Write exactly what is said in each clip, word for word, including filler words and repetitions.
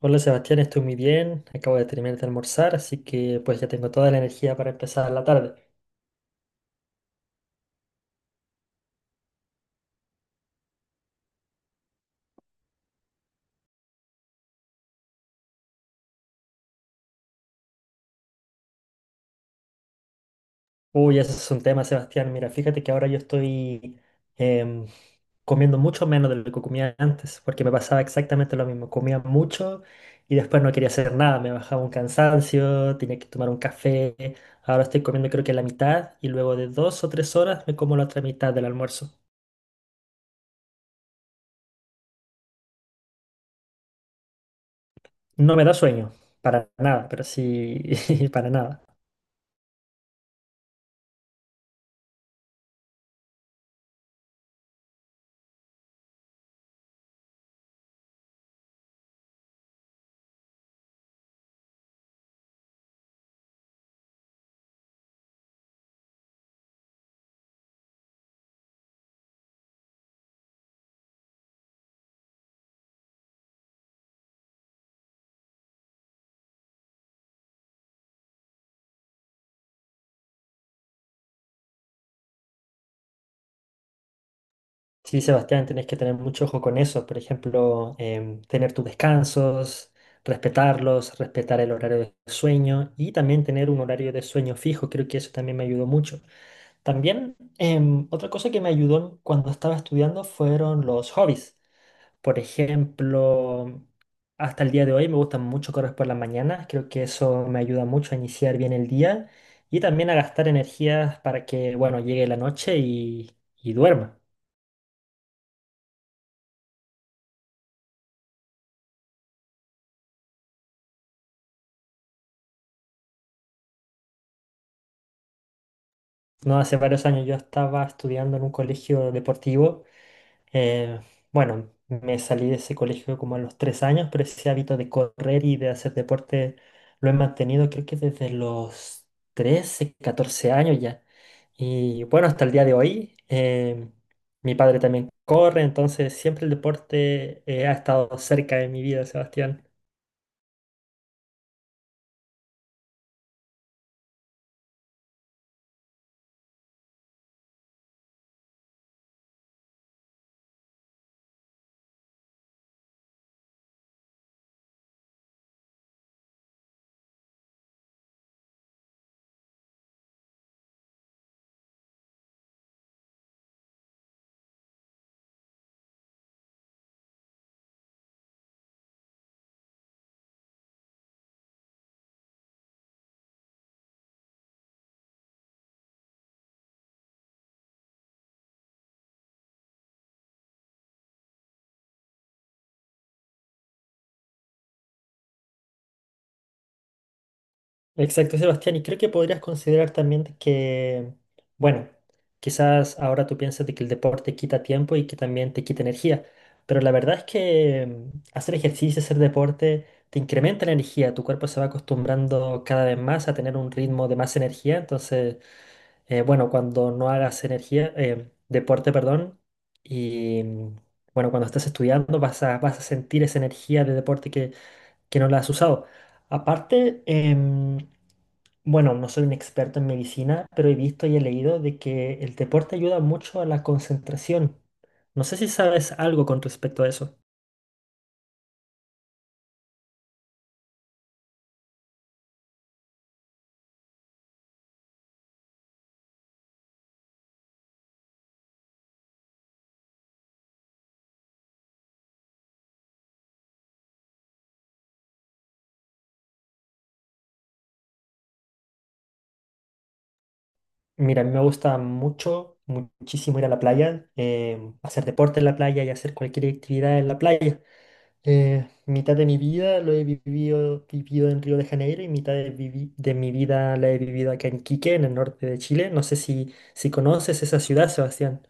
Hola Sebastián, estoy muy bien. Acabo de terminar de almorzar, así que pues ya tengo toda la energía para empezar la tarde. Uy, ese es un tema, Sebastián. Mira, fíjate que ahora yo estoy em, comiendo mucho menos de lo que comía antes, porque me pasaba exactamente lo mismo. Comía mucho y después no quería hacer nada. Me bajaba un cansancio, tenía que tomar un café. Ahora estoy comiendo creo que la mitad y luego de dos o tres horas me como la otra mitad del almuerzo. No me da sueño, para nada, pero sí, para nada. Sí, Sebastián, tenés que tener mucho ojo con eso. Por ejemplo, em, tener tus descansos, respetarlos, respetar el horario de sueño y también tener un horario de sueño fijo. Creo que eso también me ayudó mucho. También, em, otra cosa que me ayudó cuando estaba estudiando fueron los hobbies. Por ejemplo, hasta el día de hoy me gusta mucho correr por las mañanas. Creo que eso me ayuda mucho a iniciar bien el día y también a gastar energías para que, bueno, llegue la noche y, y duerma. No, hace varios años yo estaba estudiando en un colegio deportivo. eh, bueno, me salí de ese colegio como a los tres años, pero ese hábito de correr y de hacer deporte lo he mantenido creo que desde los trece catorce años ya. Y bueno, hasta el día de hoy, em, mi padre también corre, entonces siempre el deporte eh, ha estado cerca de mi vida, Sebastián. Exacto, Sebastián, y creo que podrías considerar también de que, bueno, quizás ahora tú piensas de que el deporte quita tiempo y que también te quita energía, pero la verdad es que mm, hacer ejercicio, hacer deporte, te incrementa la energía, tu cuerpo se va acostumbrando cada vez más a tener un ritmo de más energía, entonces, eh, bueno, cuando no hagas energía, eh, deporte, perdón, y mm, bueno, cuando estás estudiando vas a, vas a sentir esa energía de deporte que no la has usado. Aparte, em, bueno, no soy un experto en medicina, pero he visto y he leído de que el deporte ayuda mucho a la concentración. No sé si sabes algo con respecto a eso. Mira, a mí me gusta mucho, muchísimo ir a la playa, eh, hacer deporte en la playa y hacer cualquier actividad en la playa. Eh, mitad de mi vida lo he vivido, vivido en Río de Janeiro y mitad de, vivi- de mi vida la he vivido acá en Quique, en el norte de Chile. No sé si, si conoces esa ciudad, Sebastián.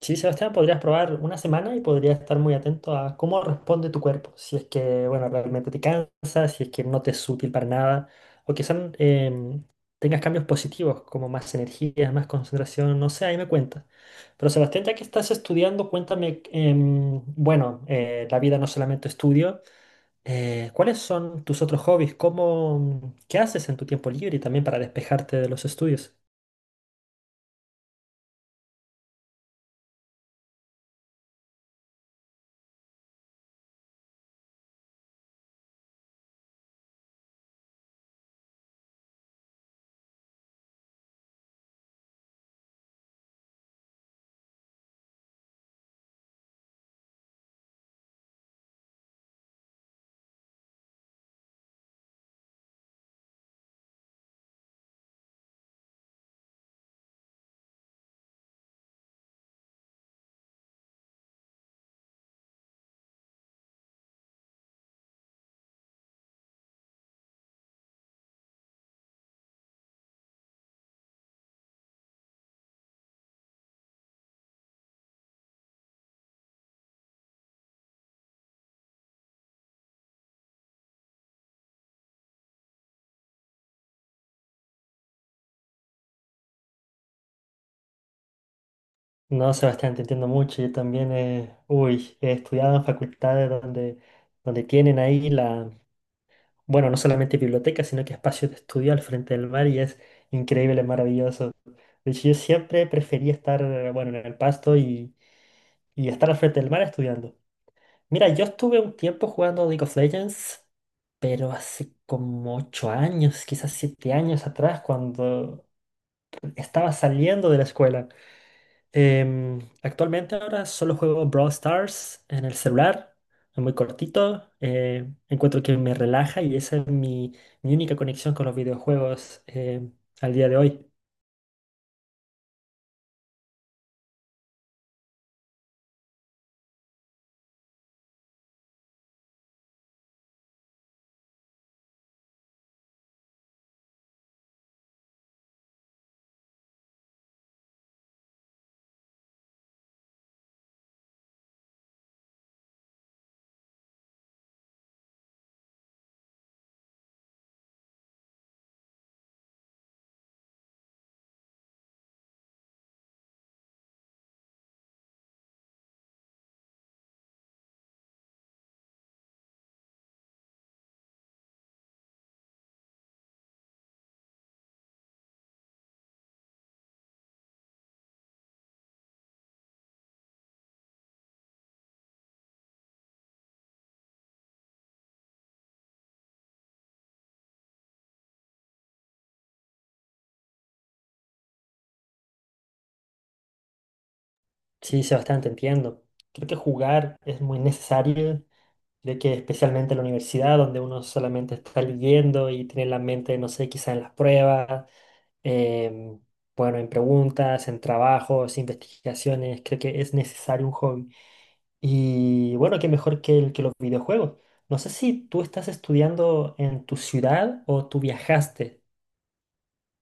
Sí, Sebastián, podrías probar una semana y podrías estar muy atento a cómo responde tu cuerpo. Si es que, bueno, realmente te cansa, si es que no te es útil para nada, o quizás em, tengas cambios positivos, como más energía, más concentración, no sé, ahí me cuentas. Pero Sebastián, ya que estás estudiando, cuéntame, em, bueno, eh, la vida no solamente estudio, eh, ¿cuáles son tus otros hobbies? ¿Cómo, qué haces en tu tiempo libre y también para despejarte de los estudios? No, Sebastián, te entiendo mucho. Yo también, eh, uy, he estudiado en facultades donde, donde tienen ahí la, bueno, no solamente biblioteca, sino que espacios de estudio al frente del mar y es increíble, maravilloso. De hecho, yo siempre prefería estar, eh, bueno, en el pasto y, y estar al frente del mar estudiando. Mira, yo estuve un tiempo jugando League of Legends, pero hace como ocho años, quizás siete años atrás, cuando estaba saliendo de la escuela. Em, actualmente ahora solo juego Brawl Stars en el celular, es muy cortito, eh, encuentro que me relaja y esa es mi, mi única conexión con los videojuegos em, al día de hoy. Sí, Sebastián, te entiendo. Creo que jugar es muy necesario, creo que especialmente en la universidad donde uno solamente está leyendo y tiene la mente, no sé, quizá en las pruebas, em, bueno, en preguntas, en trabajos, investigaciones, creo que es necesario un hobby. Y bueno, qué mejor que, el- que los videojuegos. No sé si tú estás estudiando en tu ciudad o tú viajaste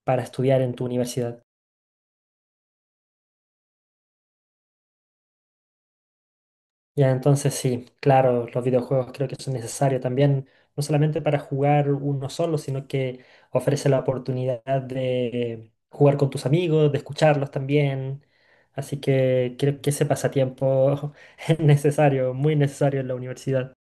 para estudiar en tu universidad. Ya, entonces sí, claro, los videojuegos creo que son necesarios también, no solamente para jugar uno solo, sino que ofrece la oportunidad de jugar con tus amigos, de escucharlos también. Así que creo que ese pasatiempo es necesario, muy necesario en la universidad.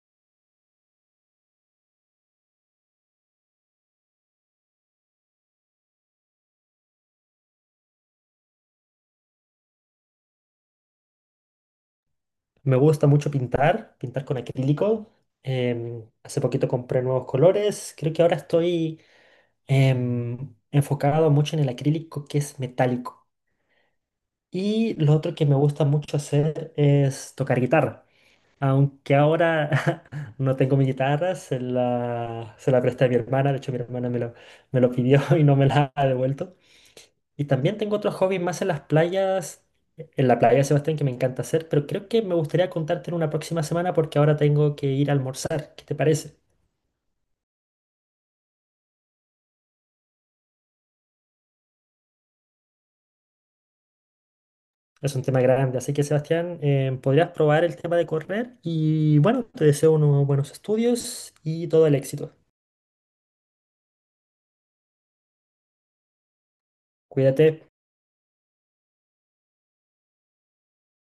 Me gusta mucho pintar, pintar con acrílico. Em, hace poquito compré nuevos colores. Creo que ahora estoy em, enfocado mucho en el acrílico que es metálico. Y lo otro que me gusta mucho hacer es tocar guitarra. Aunque ahora no tengo mi guitarra, se la, se la presté a mi hermana. De hecho, mi hermana me lo, me lo pidió y no me la ha devuelto. Y también tengo otros hobbies más en las playas, en la playa, Sebastián, que me encanta hacer, pero creo que me gustaría contarte en una próxima semana porque ahora tengo que ir a almorzar. ¿Qué te parece? Es un tema grande, así que Sebastián, eh, podrías probar el tema de correr y bueno, te deseo unos buenos estudios y todo el éxito. Cuídate.